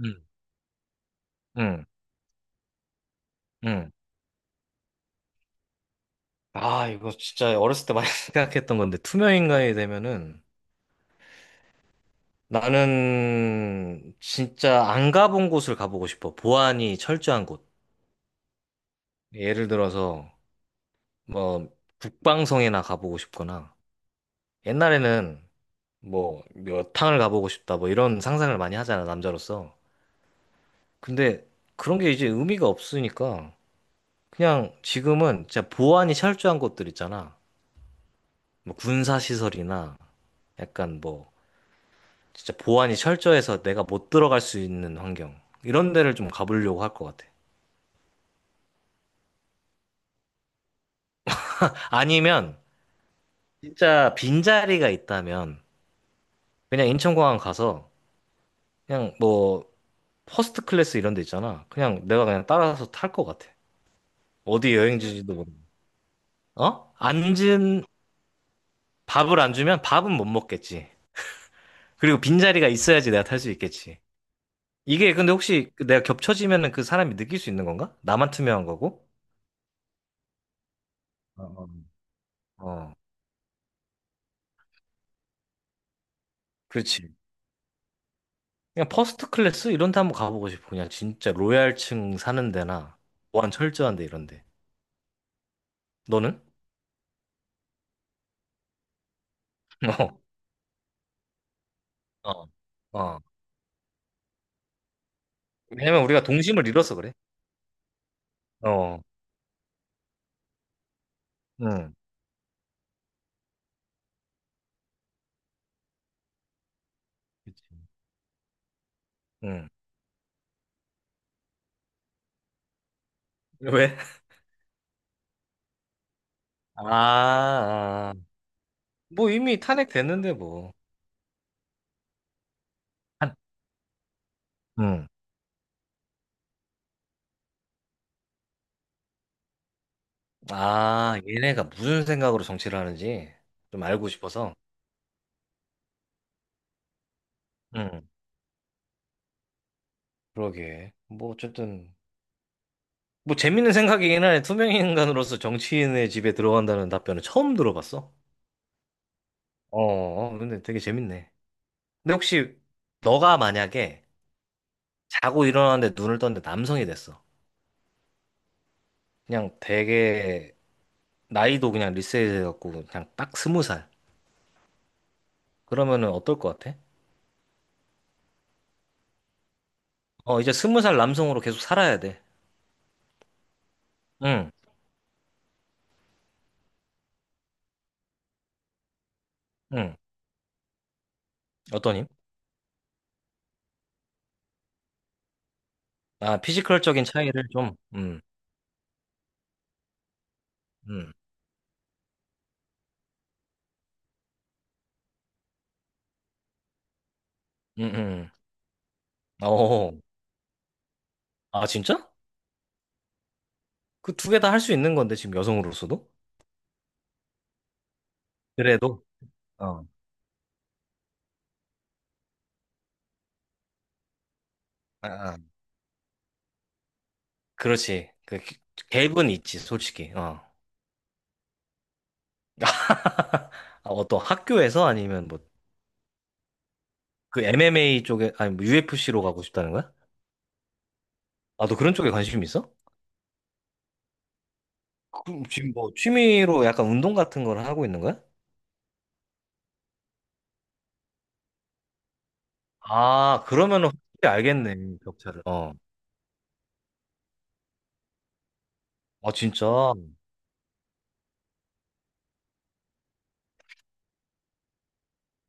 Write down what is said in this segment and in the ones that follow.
음, 음, 음. 아, 이거 진짜 어렸을 때 많이 생각했던 건데, 투명인간이 되면은 나는 진짜 안 가본 곳을 가보고 싶어. 보안이 철저한 곳. 예를 들어서 뭐 북방성이나 가보고 싶거나 옛날에는 뭐 여탕을 가보고 싶다 뭐 이런 상상을 많이 하잖아, 남자로서. 근데 그런 게 이제 의미가 없으니까 그냥 지금은 진짜 보안이 철저한 곳들 있잖아. 뭐 군사시설이나 약간 뭐 진짜 보안이 철저해서 내가 못 들어갈 수 있는 환경. 이런 데를 좀 가보려고 할 것 같아. 아니면 진짜 빈자리가 있다면 그냥 인천공항 가서 그냥 뭐 퍼스트 클래스 이런 데 있잖아. 그냥 내가 그냥 따라서 탈 것 같아. 어디 여행지지도 모르 어? 앉은 밥을 안 주면 밥은 못 먹겠지. 그리고 빈자리가 있어야지 내가 탈 수 있겠지. 이게 근데 혹시 내가 겹쳐지면은 그 사람이 느낄 수 있는 건가? 나만 투명한 거고? 어, 어. 어, 그렇지. 그냥 퍼스트 클래스 이런 데 한번 가보고 싶어. 그냥 진짜 로얄층 사는 데나 보안 철저한 데 이런 데. 너는? 어. 어. 어. 왜냐면 우리가 동심을 잃어서 그래. 어. 응. 그치. 응. 왜? 아, 아. 뭐 이미 탄핵됐는데 뭐. 한. 응. 아, 얘네가 무슨 생각으로 정치를 하는지 좀 알고 싶어서. 응. 그러게. 뭐 어쨌든 뭐 재밌는 생각이긴 하네. 투명 인간으로서 정치인의 집에 들어간다는 답변은 처음 들어봤어. 어, 어, 근데 되게 재밌네. 근데 혹시 너가 만약에 자고 일어나는데 눈을 떴는데 남성이 됐어. 그냥 되게 나이도 그냥 리셋해갖고 그냥 딱 스무 살. 그러면은 어떨 것 같아? 어, 이제 스무 살 남성으로 계속 살아야 돼. 응, 응. 어떠니? 아, 피지컬적인 차이를 좀, 음, 음, 음. 어, 아, 진짜? 그 두 개 다 할 수 있는 건데, 지금 여성으로서도? 그래도? 어. 아, 아. 그렇지. 그 갭은 있지, 솔직히. 어. 아, 어떤 학교에서 아니면 뭐 그 MMA 쪽에 아니 뭐 UFC로 가고 싶다는 거야? 아, 너 그런 쪽에 관심 있어? 그럼 지금 뭐 취미로 약간 운동 같은 걸 하고 있는 거야? 아, 그러면은 확실히 알겠네, 격차를. 어. 아, 진짜.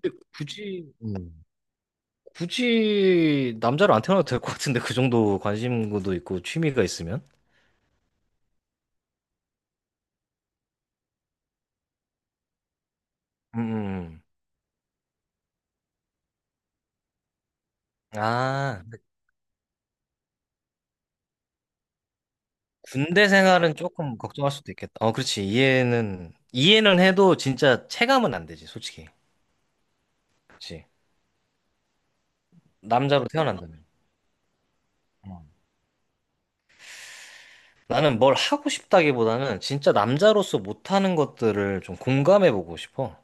근데 굳이 굳이 남자로 안 태어나도 될 것 같은데 그 정도 관심도 있고 취미가 있으면? 음. 음. 아, 근데 군대 생활은 조금 걱정할 수도 있겠다. 어, 그렇지. 이해는 해도 진짜 체감은 안 되지, 솔직히. 그치. 남자로 태어난다면. 나는 뭘 하고 싶다기보다는 진짜 남자로서 못하는 것들을 좀 공감해보고 싶어.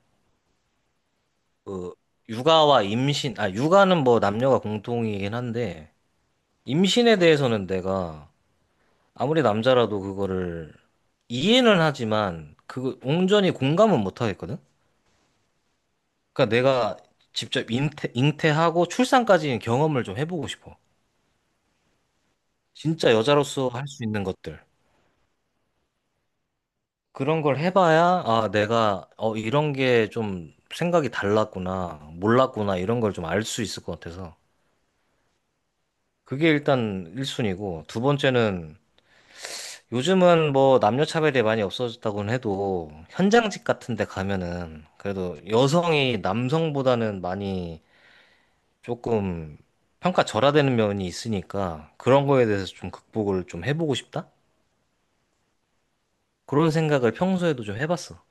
그, 육아와 임신, 아, 육아는 뭐 남녀가 공통이긴 한데, 임신에 대해서는 내가 아무리 남자라도 그거를 이해는 하지만, 그거 온전히 공감은 못하겠거든? 그러니까 내가 직접 잉태하고 출산까지 경험을 좀 해보고 싶어. 진짜 여자로서 할 수 있는 것들. 그런 걸 해봐야, 아, 내가, 어, 이런 게 좀 생각이 달랐구나, 몰랐구나, 이런 걸 좀 알 수 있을 것 같아서. 그게 일단 1순위고, 두 번째는, 요즘은 뭐 남녀 차별이 많이 없어졌다고는 해도, 현장직 같은 데 가면은, 그래도 여성이 남성보다는 많이 조금 평가 절하되는 면이 있으니까, 그런 거에 대해서 좀 극복을 좀 해보고 싶다? 그런 생각을 평소에도 좀 해봤어.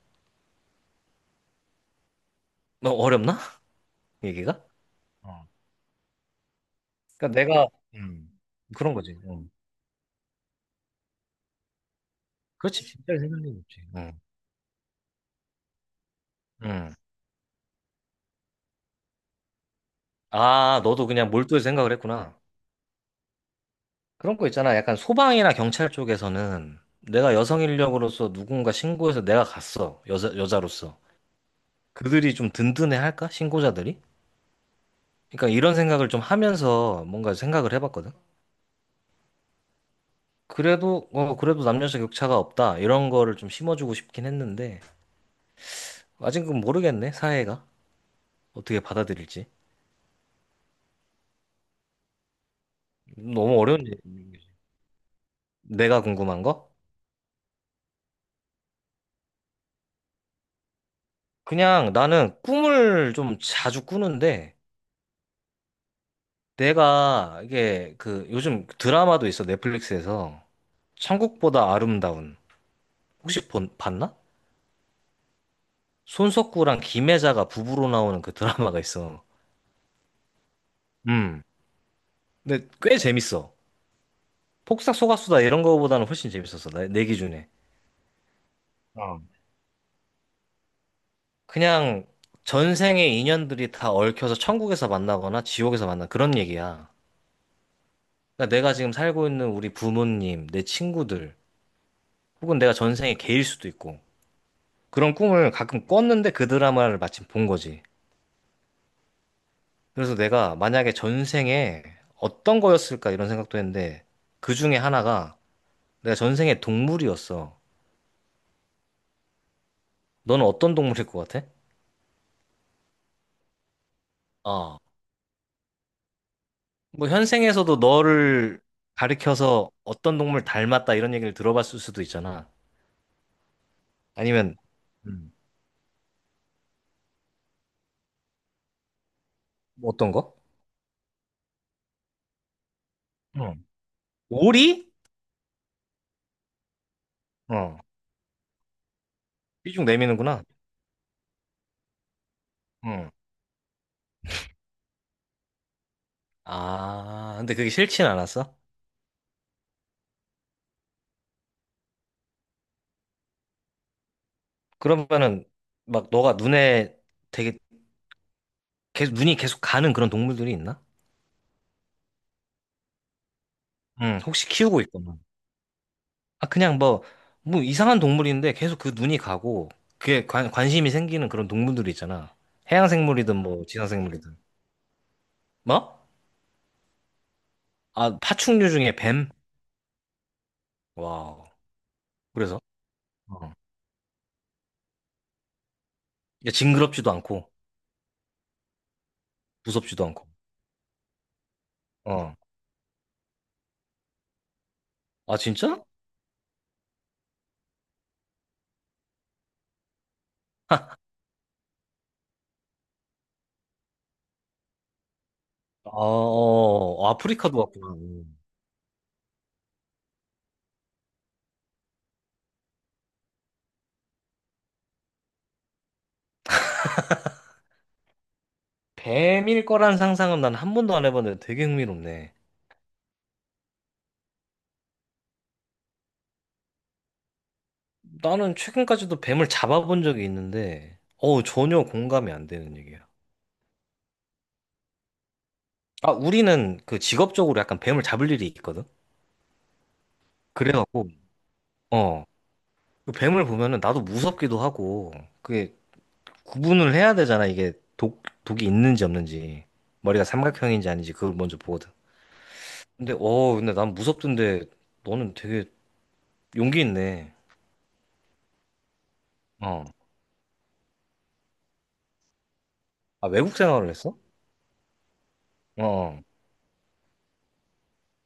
너 어렵나? 얘기가? 그러니까 내가 음, 그런 거지. 음. 그렇지, 진짜 생각이 없지 음. 아, 너도 그냥 몰두해 생각을 했구나. 그런 거 있잖아. 약간 소방이나 경찰 쪽에서는 내가 여성 인력으로서 누군가 신고해서 내가 갔어. 여자로서. 그들이 좀 든든해 할까? 신고자들이? 그러니까 이런 생각을 좀 하면서 뭔가 생각을 해봤거든. 그래도, 어, 그래도 남녀 격차가 없다. 이런 거를 좀 심어주고 싶긴 했는데, 아직은 모르겠네, 사회가. 어떻게 받아들일지. 너무 어려운 얘기. 내가 궁금한 거? 그냥 나는 꿈을 좀 자주 꾸는데 내가 이게 그 요즘 드라마도 있어 넷플릭스에서 천국보다 아름다운 혹시 봤나? 손석구랑 김혜자가 부부로 나오는 그 드라마가 있어. 음. 근데 꽤 재밌어. 폭삭 속았수다 이런 거보다는 훨씬 재밌었어. 내 기준에. 어. 그냥 전생의 인연들이 다 얽혀서 천국에서 만나거나 지옥에서 만나 그런 얘기야. 그러니까 내가 지금 살고 있는 우리 부모님, 내 친구들 혹은 내가 전생에 개일 수도 있고 그런 꿈을 가끔 꿨는데 그 드라마를 마침 본 거지. 그래서 내가 만약에 전생에 어떤 거였을까 이런 생각도 했는데 그 중에 하나가 내가 전생에 동물이었어. 너는 어떤 동물일 것 같아? 어. 뭐 현생에서도 너를 가리켜서 어떤 동물 닮았다 이런 얘기를 들어봤을 수도 있잖아. 아니면 음. 뭐 어떤 거? 어. 오리? 어. 삐죽 내미는구나. 응. 아, 근데 그게 싫진 않았어? 그러면은 막 너가 눈에 되게 계속 눈이 계속 가는 그런 동물들이 있나? 응, 혹시 키우고 있거나. 아, 그냥 뭐, 뭐 이상한 동물인데 계속 그 눈이 가고 그게 관심이 생기는 그런 동물들이 있잖아. 해양 생물이든 뭐 지상 생물이든. 뭐? 아, 파충류 중에 뱀? 와우. 그래서? 어. 야, 징그럽지도 않고 무섭지도 않고. 어. 아, 진짜? 아, 어, 아프리카도 왔구나. 음. 뱀일 거란 상상은 난 한 번도 안 해봤는데 되게 흥미롭네. 나는 최근까지도 뱀을 잡아본 적이 있는데, 어우, 전혀 공감이 안 되는 얘기야. 아, 우리는 그 직업적으로 약간 뱀을 잡을 일이 있거든? 그래갖고, 어, 그 뱀을 보면은 나도 무섭기도 하고, 그게 구분을 해야 되잖아, 이게 독이 있는지 없는지. 머리가 삼각형인지 아닌지 그걸 먼저 보거든. 근데, 어, 근데 난 무섭던데, 너는 되게 용기 있네. 어. 아, 외국 생활을 했어? 어. 어.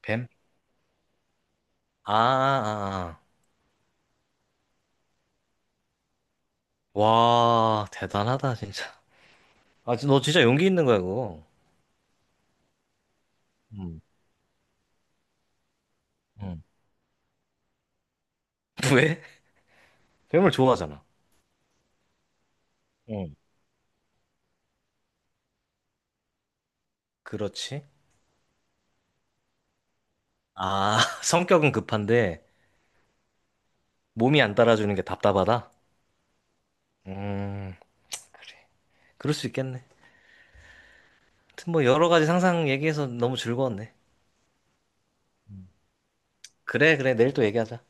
뱀? 아, 아, 아. 와, 대단하다, 진짜. 아, 너 진짜 용기 있는 거야, 그거. 응, 응, 왜? 괴물 좋아하잖아. 응. 그렇지. 아, 성격은 급한데 몸이 안 따라주는 게 답답하다? 음, 그럴 수 있겠네. 하여튼 뭐 여러 가지 상상 얘기해서 너무 즐거웠네. 그래, 그래. 내일 또 얘기하자.